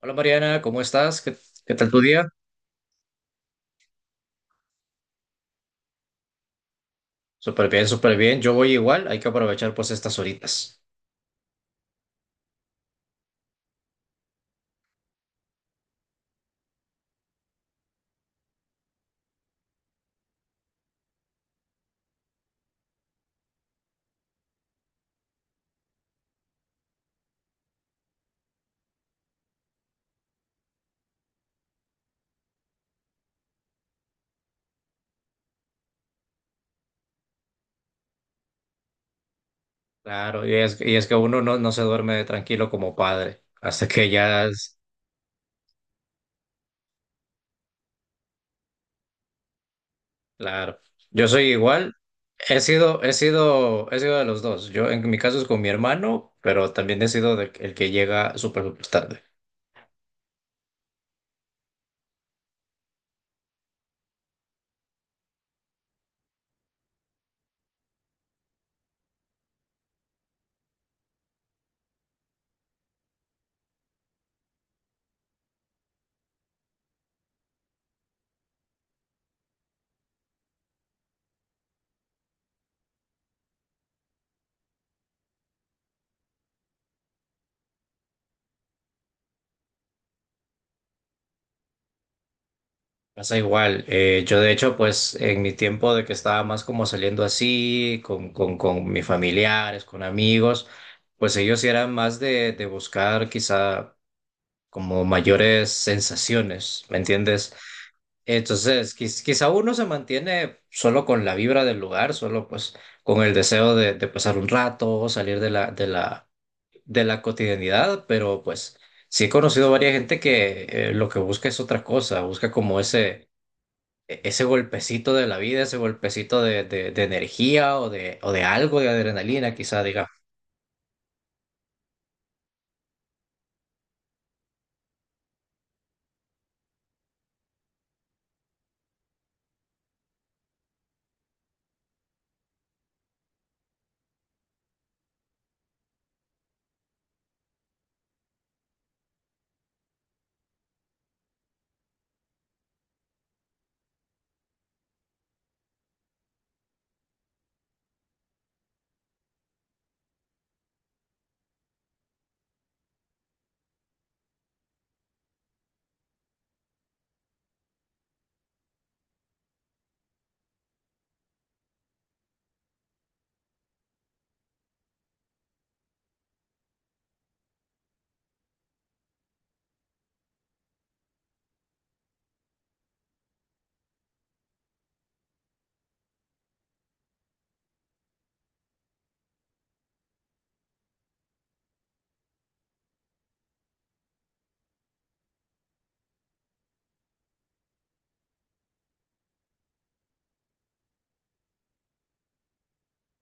Hola Mariana, ¿cómo estás? ¿Qué tal tu día? Súper bien, súper bien. Yo voy igual, hay que aprovechar pues estas horitas. Claro, y es que uno no se duerme tranquilo como padre, hasta que ya es, claro. Yo soy igual, he sido de los dos. Yo en mi caso es con mi hermano, pero también he sido el que llega súper, súper tarde. Pasa igual. Yo de hecho, pues en mi tiempo de que estaba más como saliendo así, con mis familiares, con amigos, pues ellos sí eran más de buscar quizá como mayores sensaciones, ¿me entiendes? Entonces, quizá uno se mantiene solo con la vibra del lugar, solo pues con el deseo de pasar un rato, salir de la cotidianidad, pero pues sí he conocido varias gente que lo que busca es otra cosa, busca como ese golpecito de la vida, ese golpecito de energía o de algo de adrenalina, quizá diga.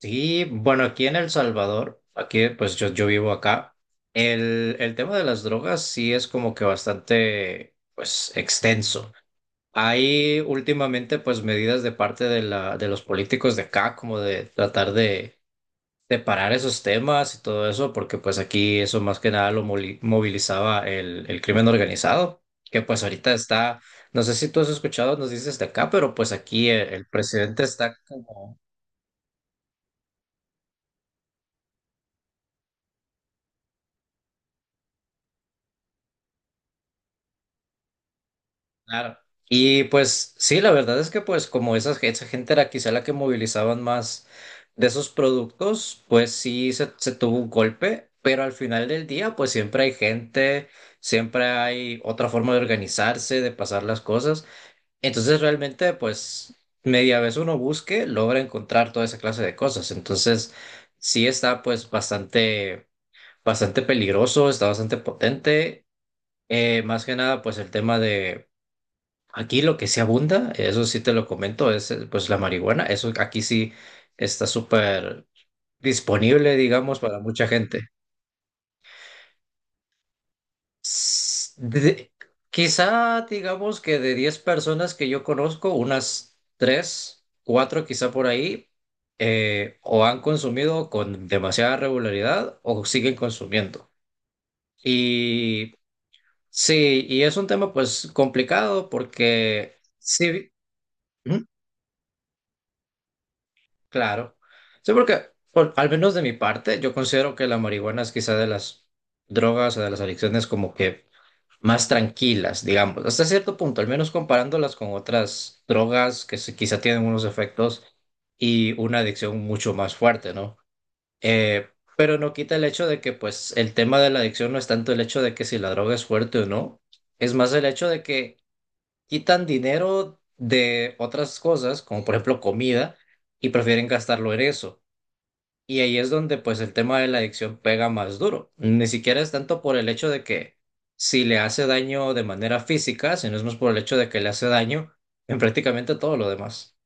Sí, bueno, aquí en El Salvador, aquí pues yo vivo acá, el tema de las drogas sí es como que bastante pues extenso. Hay últimamente pues medidas de parte de de los políticos de acá como de tratar de separar esos temas y todo eso, porque pues aquí eso más que nada lo movilizaba el crimen organizado, que pues ahorita está, no sé si tú has escuchado, nos dices de acá, pero pues aquí el presidente está como, claro. Y pues sí, la verdad es que pues como esa gente era quizá la que movilizaban más de esos productos, pues sí se tuvo un golpe, pero al final del día pues siempre hay gente, siempre hay otra forma de organizarse, de pasar las cosas. Entonces realmente, pues, media vez uno busque, logra encontrar toda esa clase de cosas. Entonces, sí está pues bastante, bastante peligroso, está bastante potente. Más que nada, pues el tema de aquí lo que sí abunda, eso sí te lo comento, es pues la marihuana. Eso aquí sí está súper disponible, digamos, para mucha gente. S- de- Quizá digamos que de 10 personas que yo conozco, unas 3 4 quizá por ahí, o han consumido con demasiada regularidad o siguen consumiendo. Y sí, y es un tema pues complicado porque sí, ¿Mm? Claro. Sí, porque al menos de mi parte, yo considero que la marihuana es quizá de las drogas o de las adicciones como que más tranquilas, digamos, hasta cierto punto, al menos comparándolas con otras drogas quizá tienen unos efectos y una adicción mucho más fuerte, ¿no? Eh, pero no quita el hecho de que, pues, el tema de la adicción no es tanto el hecho de que si la droga es fuerte o no, es más el hecho de que quitan dinero de otras cosas, como por ejemplo comida, y prefieren gastarlo en eso. Y ahí es donde pues el tema de la adicción pega más duro. Ni siquiera es tanto por el hecho de que si le hace daño de manera física, sino es más por el hecho de que le hace daño en prácticamente todo lo demás.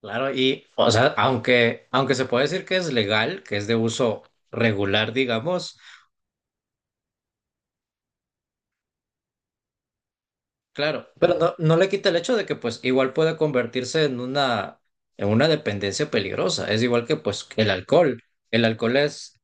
Claro, y o sea, aunque se puede decir que es legal, que es de uso regular, digamos, claro, pero no le quita el hecho de que pues igual puede convertirse en una dependencia peligrosa. Es igual que pues el alcohol. El alcohol es,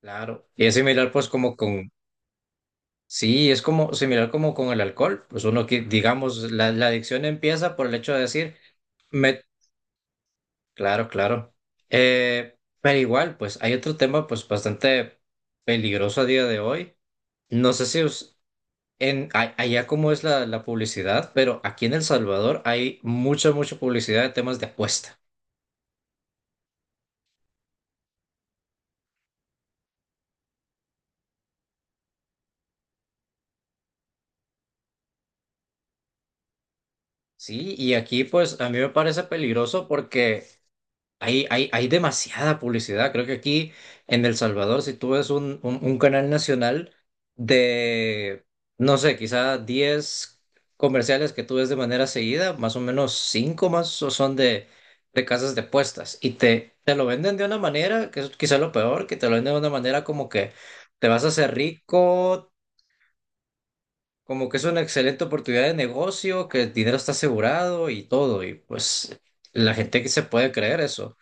claro, y es similar pues como con. Sí, es como similar como con el alcohol. Pues uno que, digamos, la adicción empieza por el hecho de decir, me... Claro, claro. Pero igual, pues hay otro tema pues bastante peligroso a día de hoy. No sé si allá cómo es la publicidad, pero aquí en El Salvador hay mucha, mucha publicidad de temas de apuesta. Sí, y aquí pues a mí me parece peligroso porque Hay demasiada publicidad. Creo que aquí en El Salvador, si tú ves un canal nacional de, no sé, quizá 10 comerciales que tú ves de manera seguida, más o menos 5 son de casas de apuestas. Y te lo venden de una manera, que es quizá lo peor, que te lo venden de una manera como que te vas a hacer rico, como que es una excelente oportunidad de negocio, que el dinero está asegurado y todo. Y pues la gente que se puede creer eso.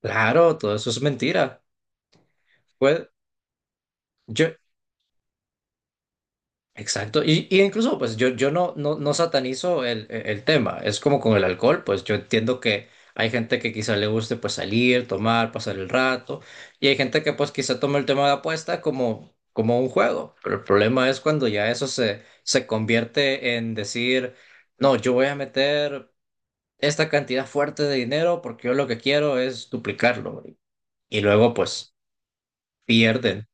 Claro, todo eso es mentira. Pues yo, exacto. Y incluso, pues yo no satanizo el tema. Es como con el alcohol, pues yo entiendo que hay gente que quizá le guste pues salir, tomar, pasar el rato. Y hay gente que pues quizá toma el tema de apuesta como, como un juego. Pero el problema es cuando ya eso se convierte en decir, no, yo voy a meter esta cantidad fuerte de dinero porque yo lo que quiero es duplicarlo. Y luego pues pierden.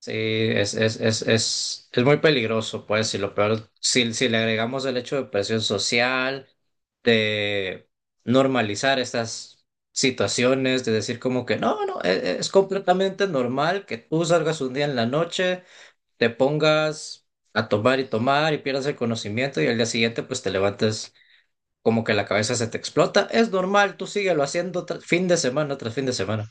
Sí, es muy peligroso, pues, y lo peor, si le agregamos el hecho de presión social, de normalizar estas situaciones, de decir como que no, no, e- e- es completamente normal que tú salgas un día en la noche, te pongas a tomar y tomar y pierdas el conocimiento y al día siguiente pues te levantes como que la cabeza se te explota, es normal, tú síguelo haciendo fin de semana tras fin de semana.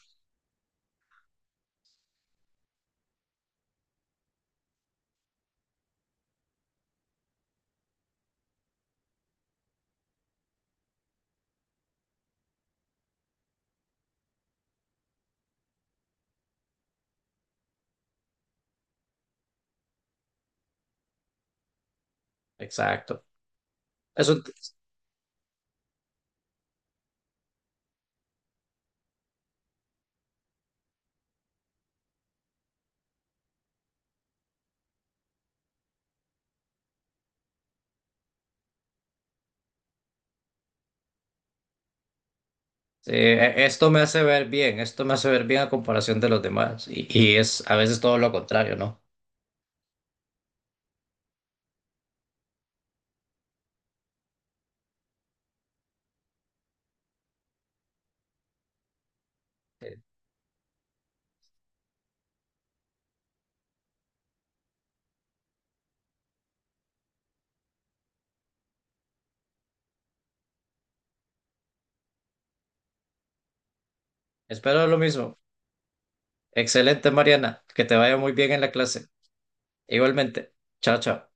Exacto. Eso, sí, esto me hace ver bien, esto me hace ver bien a comparación de los demás. Y es a veces todo lo contrario, ¿no? Eh, Espero lo mismo. Excelente, Mariana. Que te vaya muy bien en la clase. Igualmente. Chao, chao.